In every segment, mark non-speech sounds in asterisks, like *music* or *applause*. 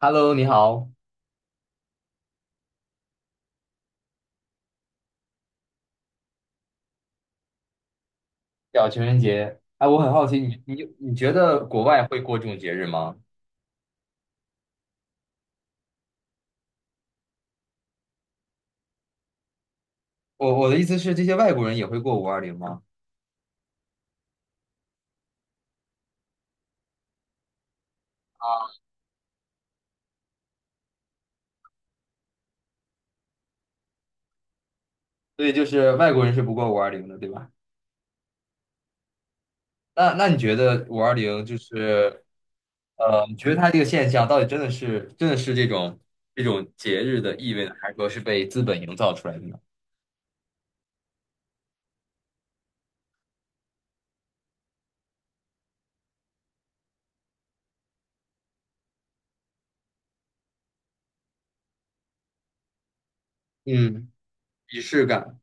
Hello，你好，叫情人节。哎，我很好奇，你觉得国外会过这种节日吗？我的意思是，这些外国人也会过五二零吗？对，就是外国人是不过五二零的，对吧？那你觉得五二零就是你觉得它这个现象到底真的是这种节日的意味呢，还是说是被资本营造出来的呢？嗯，仪式感。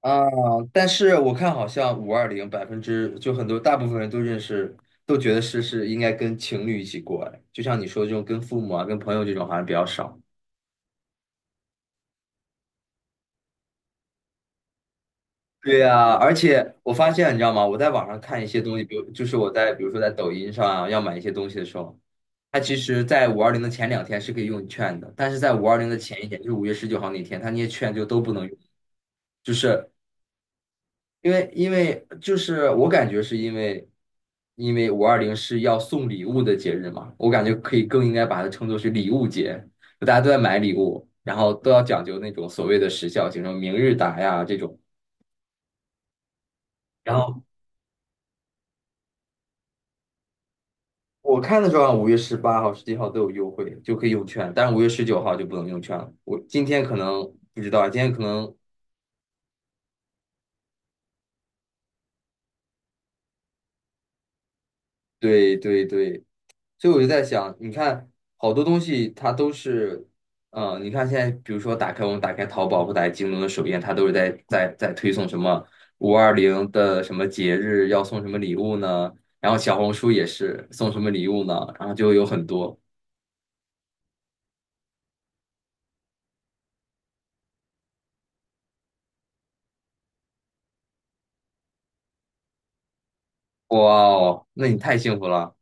啊，但是我看好像五二零百分之就很多大部分人都认识，都觉得是应该跟情侣一起过，哎，就像你说的这种跟父母啊、跟朋友这种好像比较少。对呀，而且我发现你知道吗？我在网上看一些东西，比如就是我在比如说在抖音上啊，要买一些东西的时候，它其实在五二零的前两天是可以用券的，但是在五二零的前一天，就是五月十九号那天，它那些券就都不能用，就是因为就是我感觉是因为，因为五二零是要送礼物的节日嘛，我感觉可以更应该把它称作是礼物节，就大家都在买礼物，然后都要讲究那种所谓的时效性，什么明日达呀这种。然后我看的时候啊，5月18号、17号都有优惠，就可以用券，但是五月十九号就不能用券了。我今天可能不知道，今天可能对对对，所以我就在想，你看好多东西它都是，嗯、你看现在比如说打开我们打开淘宝或打开京东的首页，它都是在推送什么五二零的什么节日要送什么礼物呢？然后小红书也是送什么礼物呢？然后就有很多，哇哦，那你太幸福了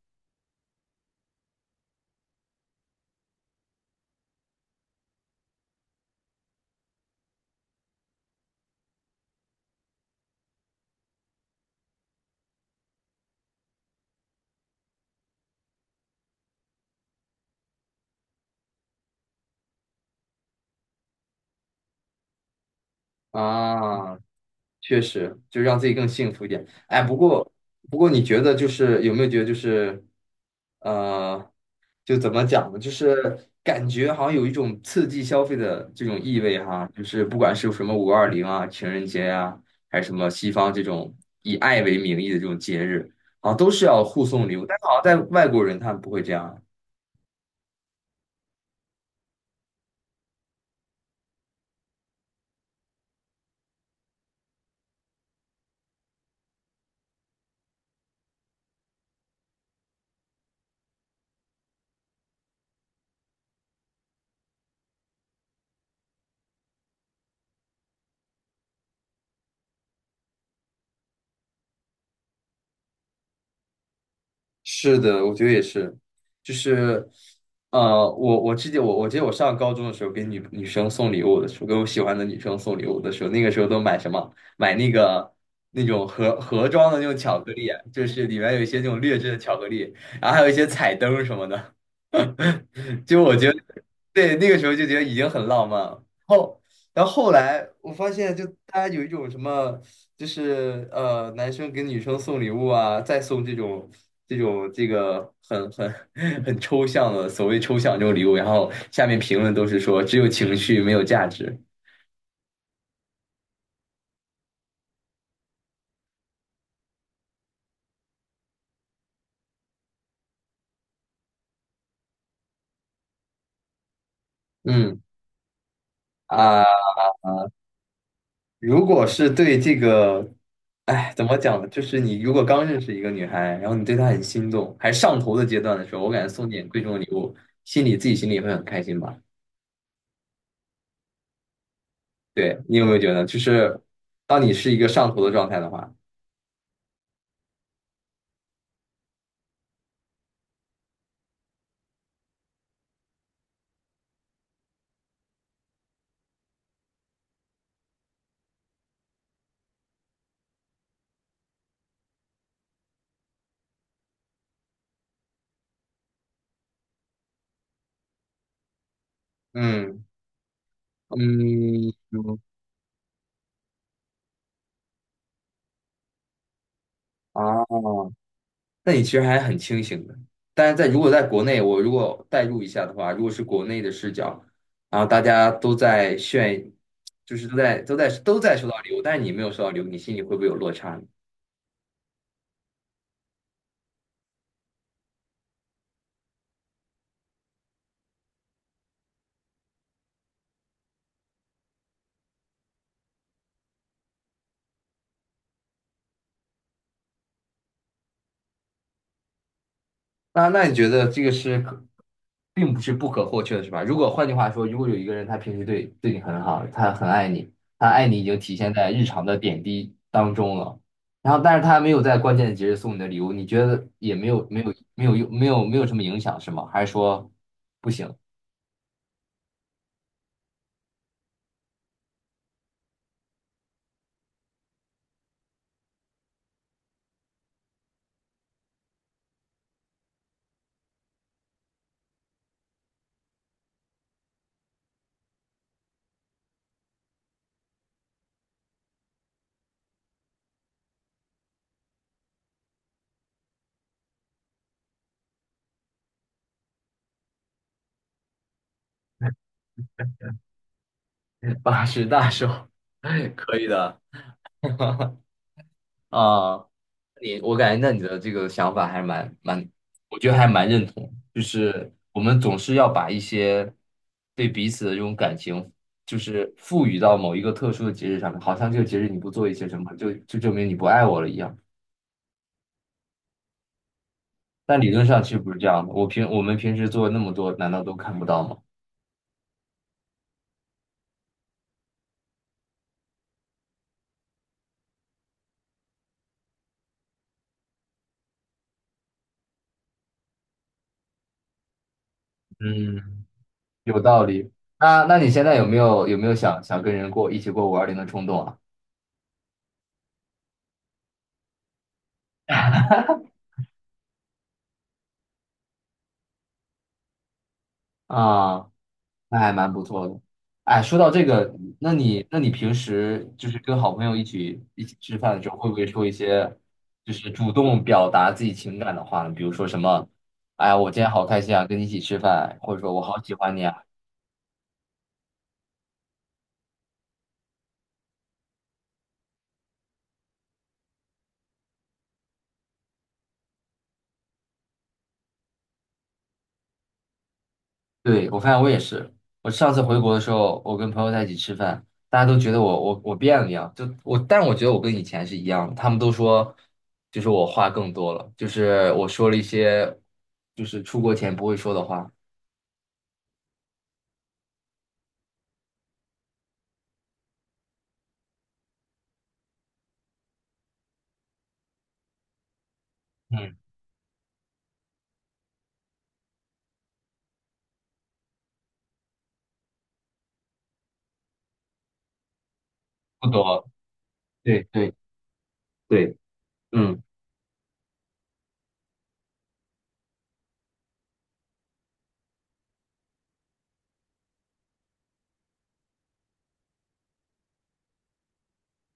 啊！确实，就让自己更幸福一点。哎，不过，你觉得就是有没有觉得就是，呃，就怎么讲呢？就是感觉好像有一种刺激消费的这种意味哈，就是不管是什么五二零啊、情人节呀、啊还是什么西方这种以爱为名义的这种节日，好像都是要互送礼物，但是好像在外国人他们不会这样。是的，我觉得也是，就是，我记得我上高中的时候给女生送礼物的时候，给我喜欢的女生送礼物的时候，那个时候都买什么？买那个那种盒装的那种巧克力，就是里面有一些那种劣质的巧克力，然后还有一些彩灯什么的。*laughs* 就我觉得，对，那个时候就觉得已经很浪漫了。然后后来我发现，就大家有一种什么。就是男生给女生送礼物啊，再送这种这个很 *laughs* 很抽象的所谓抽象这种礼物，然后下面评论都是说只有情绪没有价值。嗯啊，如果是对这个，哎，怎么讲呢？就是你如果刚认识一个女孩，然后你对她很心动，还上头的阶段的时候，我感觉送点贵重的礼物，自己心里也会很开心吧？对，你有没有觉得，就是当你是一个上头的状态的话，嗯嗯。嗯啊，那你其实还很清醒的。但是在如果在国内，我如果代入一下的话，如果是国内的视角，然后大家都在炫，就是都在收到礼物，但是你没有收到礼物，你心里会不会有落差呢？那你觉得这个是可，并不是不可或缺的，是吧？如果换句话说，如果有一个人他平时对你很好，他很爱你，他爱你已经体现在日常的点滴当中了，然后但是他没有在关键的节日送你的礼物，你觉得也没有没有没有用没有没有什么影响是吗？还是说不行，*laughs* 八十大寿，*laughs* 可以的 *laughs* 啊？你我感觉那你的这个想法还蛮，我觉得还蛮认同。就是我们总是要把一些对彼此的这种感情，就是赋予到某一个特殊的节日上面，好像这个节日你不做一些什么，就证明你不爱我了一样。但理论上其实不是这样的。我们平时做那么多，难道都看不到吗？嗯，有道理。那你现在有没有想跟人一起过五二零的冲动啊？啊，那还蛮不错的。哎，说到这个，那你平时就是跟好朋友一起吃饭的时候，会不会说一些就是主动表达自己情感的话呢？比如说什么，哎呀，我今天好开心啊，跟你一起吃饭，或者说我好喜欢你啊。对，我发现我也是，我上次回国的时候，我跟朋友在一起吃饭，大家都觉得我变了一样，就我，但我觉得我跟以前是一样的，他们都说就是我话更多了，就是我说了一些就是出国前不会说的话。嗯。不多，对对对，嗯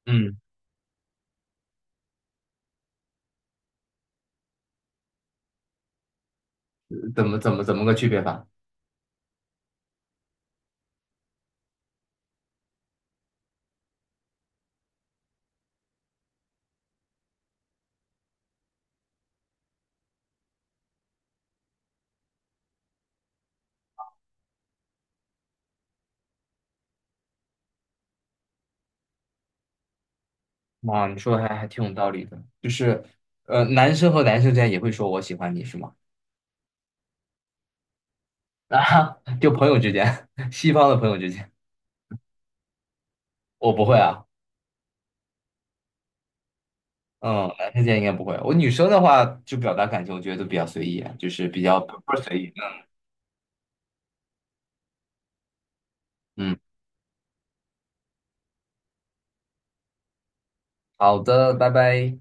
嗯，怎么个区别法？哇，你说的还挺有道理的，就是，男生和男生之间也会说我喜欢你是吗？*laughs* 啊，就朋友之间，*laughs* 西方的朋友之间，我不会啊，嗯，男生之间应该不会。我女生的话，就表达感情，我觉得都比较随意啊就是比较不是随意。嗯，好的，拜拜。